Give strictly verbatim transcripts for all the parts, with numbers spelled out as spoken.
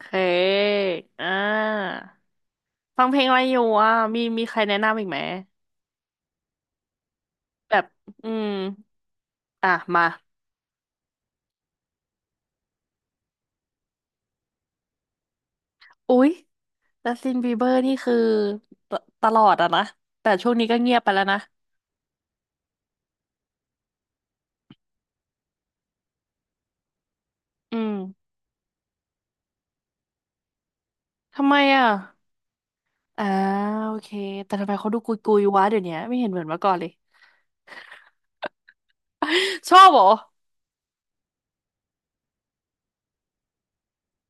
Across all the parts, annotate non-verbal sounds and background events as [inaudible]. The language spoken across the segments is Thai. เคอ่าฟังเพลงอะไรอยู่อ่ะมีมีใครแนะนำอีกไหมแบบอืมอ่ะมาอุ๊ยจัสตินบีเบอร์นี่คือตตลอดอะนะแต่ช่วงนี้ก็เงียบไปแล้วนะอืมทำไมอ่ะอ่าโอเคแต่ทำไมเขาดูกุยกุยวะเดี๋ยวนี้ไม่เห็นเหมือนเมื่อก่อนเลย [laughs] ชอบเหรอ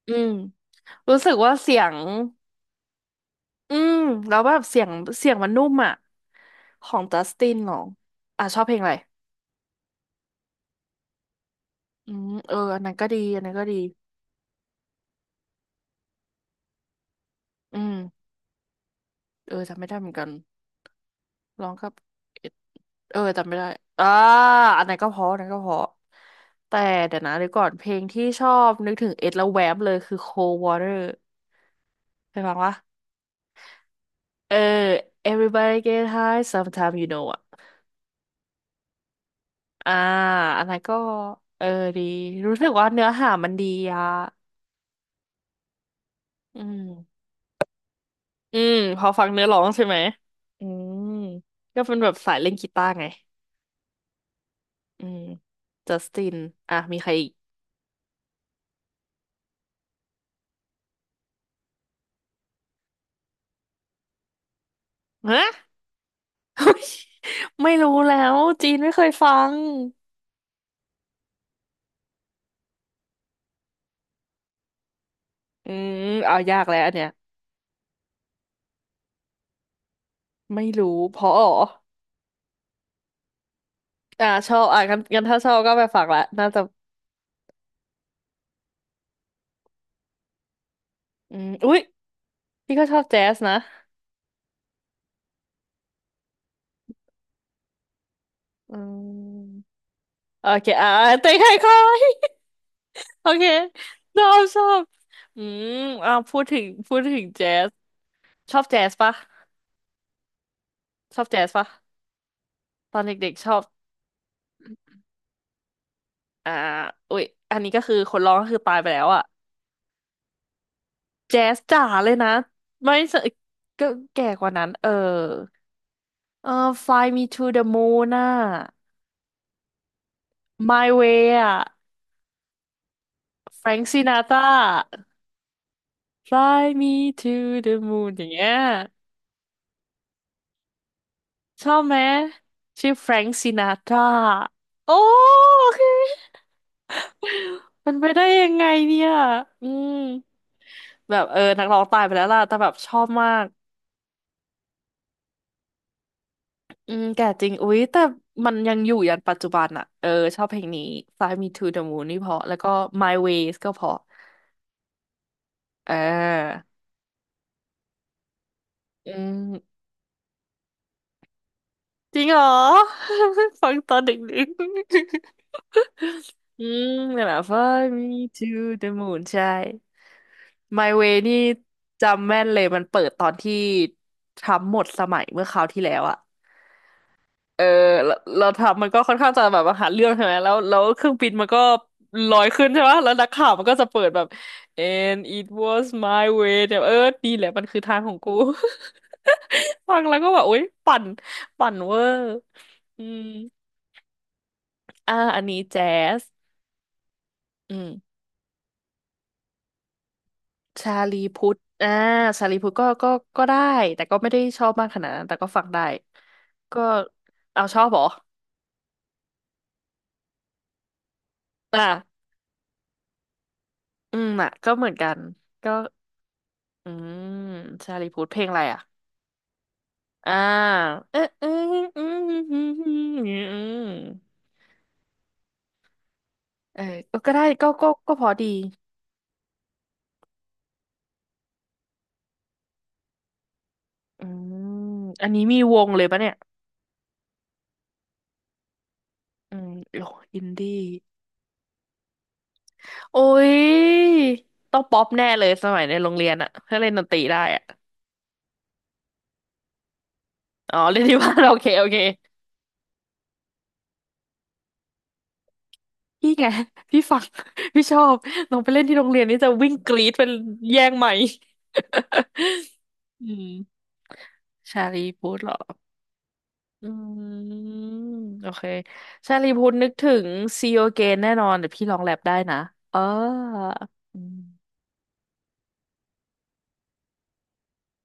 อืมรู้สึกว่าเสียงอืมแล้วแบบเสียงเสียงมันนุ่มอ่ะของจัสตินเหรออ่ะชอบเพลงอะไร อืมเอออันนั้นก็ดีอันนั้นก็ดีอืมเออจำไม่ได้เหมือนกันร้องครับเอเออจำไม่ได้อ่าอันนั้นก็เพออันนั้นก็เพอแต่เดี๋ยวนะเดี๋ยวก่อนเพลงที่ชอบนึกถึงเอ็ดแล้วแวบเลยคือ Cold Water เคยฟังวะเออ Everybody Get High Sometime You Know อ่ะอ่าอันนั้นก็เออดีรู้สึกว่าเนื้อหามันดีอ่ะอืมอืมพอฟังเนื้อร้องใช่ไหมอืมก็เป็นแบบสายเล่นกีตาร์ไง อืมจัสติน อ่ะมีใครอีกฮะ [laughs] ไม่รู้แล้วจีนไม่เคยฟัง อืมเอายากแล้วอันเนี้ยไม่รู้ เพราะอ๋ออ่าชอบอ่ะงั้นงั้นถ้าชอบก็ไปฟังละน่าจะอืมอุ๊ยพี่ก็ชอบแจ๊สนะ อืมโอเคอ่าเต้ใครคอย [laughs] โอเคชอบชอบ อืมอ่าพูดถึง พูดถึงแจ๊สชอบแจ๊สปะชอบแจ๊สปะตอนเด็กๆชอบอ่าอุ๊ยอันนี้ก็คือคนร้องก็คือตายไปแล้วอ่ะ แจ๊สจ๋าเลยนะไม่ใช่ก็แก่กว่านั้นเออเออ Fly Me to the Moon น่ะ My Way อ่ะ Frank Sinatra Fly Me to the Moon อย่างเงี้ยชอบไหมชื่อ Frank Sinatra โอ้โอเคมันไปได้ยังไงเนี่ยอืมแบบเออนักร้องตายไปแล้วล่ะแต่แบบชอบมาก อืมแก่จริงอุ๊ยแต่มันยังอยู่ยันปัจจุบันอะเออชอบเพลงนี้ Fly Me to the Moon นี่เพราะแล้วก็ My Ways ก็เพราะเอออืมจริงเหรอ [laughs] ฟังตอนเด็กๆ [laughs] อืมนั่นแหละ Fly Me to the Moon ใช่ My Way นี่จำแม่นเลยมันเปิดตอนที่ทรัมป์หมดสมัยเมื่อคราวที่แล้วอะ เออเราเราทำมันก็ค่อนข้างจะแบบว่าหาเรื่องใช่ไหมแล้วแล้วเครื่องบินมันก็ลอยขึ้นใช่ไหมแล้วนักข่าวมันก็จะเปิดแบบ and it was my way เนี่ยเออดีแหละมันคือทางของกู [laughs] ฟังแล้วก็แบบโอ๊ยปั่นปั่นเวอร์อืมอ่าอันนี้แจ๊สอืมชาลีพุทธอ่าชาลีพุทธก็ก็ก็ได้แต่ก็ไม่ได้ชอบมากขนาดนั้นแต่ก็ฟังได้ก็เอาชอบเหรออ่าอืมอ่ะก็เหมือนกันก็ อืมชาลีพูดเพลงอะไรอ่ะอ่าเออเอออืมอืมอืมอืมเออก็ก็ได้ก็ก็ก็พอดีอืมอันนี้มีวงเลยปะเนี่ยอืมโอ้อินดี้โอ้ยต้องป๊อปแน่เลยสมัยในโรงเรียนอะถ้าเล่นดนตรีได้อะอ๋อเล่นที่บ้าน [laughs] โอเคโอเคพี่ไงพี่ฟัง [laughs] พี่ชอบลองไปเล่นที่โรงเรียนนี่จะวิ่งกรี๊ดเป็นแย่งไมค์ [laughs] อืมชาลีพูดเหรอ อืมโอเคชาลีพุทธนึกถึง See You Again แน่นอนเดี๋ยวพี่ลองแรปได้นะเอออืม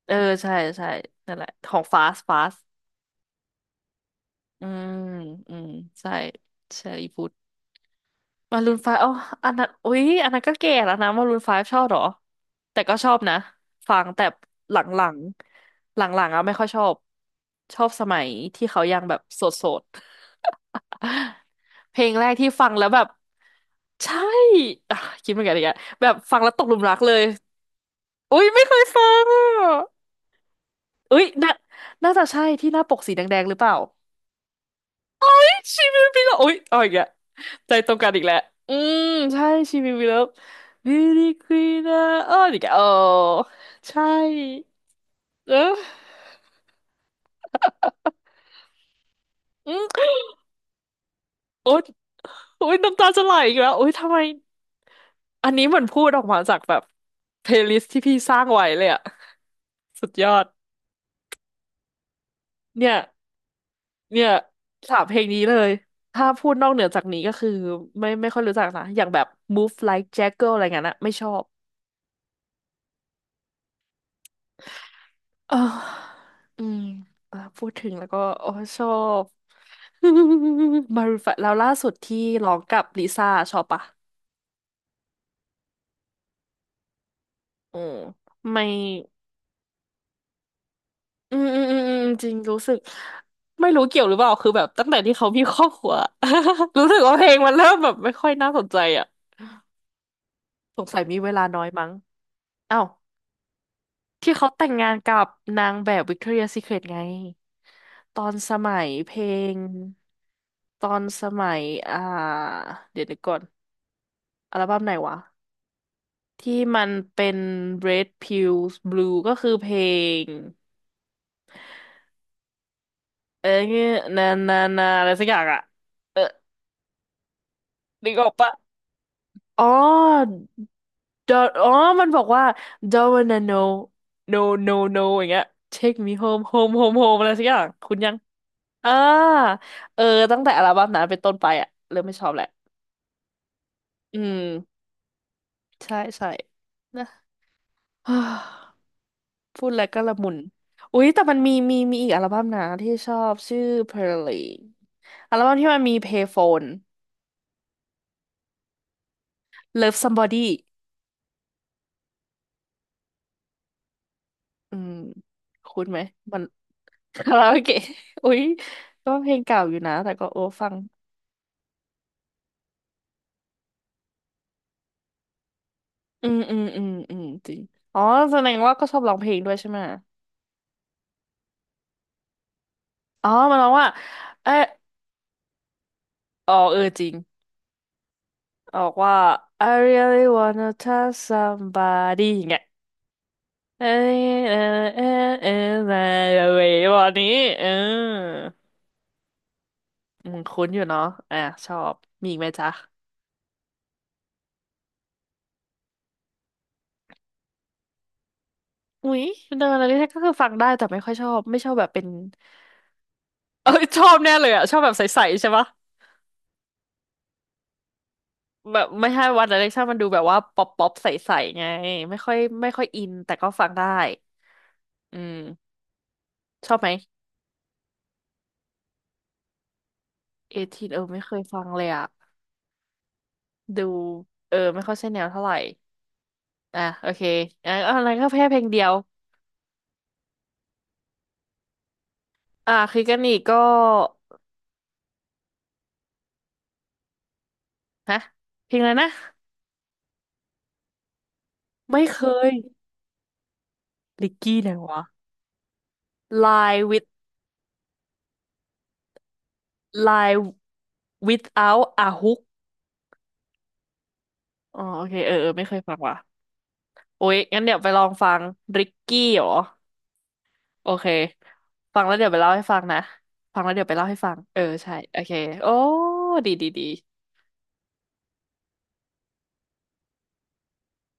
เออใช่ใช่นั่นแหละของ Fast Fast อืมอืมใช่ชาลีพุทธมารูนไฟอ๋ออันนั้นอุ๊ยอันนั้นก็แก่แล้วนะมารูนไฟชอบเหรอแต่ก็ชอบนะฟังแต่หลังๆหลังๆอ่ะไม่ค่อยชอบชอบสมัยที่เขายังแบบโสดๆ เพลงแรกที่ฟังแล้วแบบใช่อ่ะคิดเหมือนกันอีกอะแบบฟังแล้วตกหลุมรักเลยอุ้ยไม่เคยฟังอ่ะอุ้ยน่าน่าจะใช่ที่หน้าปกสีแดงๆหรือเปล่าชีวิตวิลเลอร์อุ้ยเอาอีกแล้วใจตรงกันอีกแล้วอืมใช่ชีวิตวิลเลอร์ Beauty Queen อ่ะอ้ออีกแล้วโอ้ใช่เอออืมโอ๊ยโอ๊ยน้ำตาจะไหลอีกแล้วโอ๊ยทำไม อันนี้เหมือนพูดออกมาจากแบบเพลย์ลิสต์ที่พี่สร้างไว้เลยอะสุดยอดเนี่ยเนี่ยสามเพลงนี้เลยถ้าพูดนอกเหนือจากนี้ก็คือไม่ไม่ค่อยรู้จักนะอย่างแบบ Move Like Jagger อะไรเงี้ยนะไม่ชอบเอออืมอ่ะพูดถึงแล้วก็โอ้ชอบ [laughs] มารูนไฟว์แล้วล่าสุดที่ร้องกับลิซ่าชอบปะอืมไม่ อืมอืมอืมอืมจริงรู้สึกไม่รู้เกี่ยวหรือเปล่าคือแบบตั้งแต่ที่เขามีครอบครัว [laughs] รู้สึกว่าเพลงมันเริ่มแบบไม่ค่อยน่าสนใจอ่ะสงสัยมีเวลาน้อยมั้งอ้าวที่เขาแต่งงานกับนางแบบวิกตอเรียซีเครตไงตอนสมัยเพลงตอนสมัยอ่าเดี๋ยวนึกก่อนอัลบั้มไหนวะที่มันเป็น Red Pills Blue ก็คือเพลงเอ้ยนานานาอะไรสักอย่างอะเออนึกออกปะ อ๋อ d o n อ๋อ มันบอกว่า Don't wanna know no no no อย่างเงี้ย Take me home home home home อะไรสักอย่างคุณยังอ่าเออ ตั้งแต่อัลบั้มนั้นเป็นต้นไปอะเริ่มไม่ชอบแหละ อืมใช่ใช่นะ [sighs] พูดแล้วก็ละมุนอุ๊ย แต่มันมีมีมีอีกอัลบั้มนะที่ชอบชื่อ Pearly อัลบั้มที่มันมี Payphone Love Somebody อืมคุ้นไหมมัน [laughs] คาราโอเกะ [laughs] อุ๊ยก็เพลงเก่าอยู่นะแต่ก็โอ้ฟังอืมอืมอืมอืมจริงอ๋อแสดงว่าก็ชอบร้องเพลงด้วยใช่ไหมอ๋อมันร้องว่าเอออ๋อเออจริงออกว่า I really wanna touch somebody อย่างเงี้ยเออเออเออเออเออเออวันนี้เอออืมคุ้นอยู่เนาะอ่ะชอบมีอีกไหมจ๊ะอุ๊ยเดินอะไรที่ก็คือฟังได้แต่ไม่ค่อยชอบไม่ชอบแบบเป็น เออชอบแน่เลยอ่ะชอบแบบใสๆใช่ปะแบบไม่ใช่วันอะไรชอบมันดูแบบว่าป๊อปป๊อปใสๆไงไม่ค่อยไม่ค่อยอินแต่ก็ฟังได้อืมชอบไหมเอทีนเออไม่เคยฟังเลยอ่ะดูเออไม่ค่อยใช่แนวเท่าไหร่อ่ะโอเคอ่ะอะไรก็แค่เพลงเดียวอ่ะคือกันอีกก็ฮะเพลงอะไรนะไม่เคยลิกกี้ไหนวะ Lie with Lie without a hook อ๋อโอเคเออเออไม่เคยฟังว่ะโอ้ยงั้นเดี๋ยวไปลองฟังริกกี้เหรอ โอเค ฟังแล้วเดี๋ยวไปเล่าให้ฟังนะ ฟังแล้วเดี๋ยวไปเล่าให้ฟัง เออใช่ โอเค โอ้ดีดีดี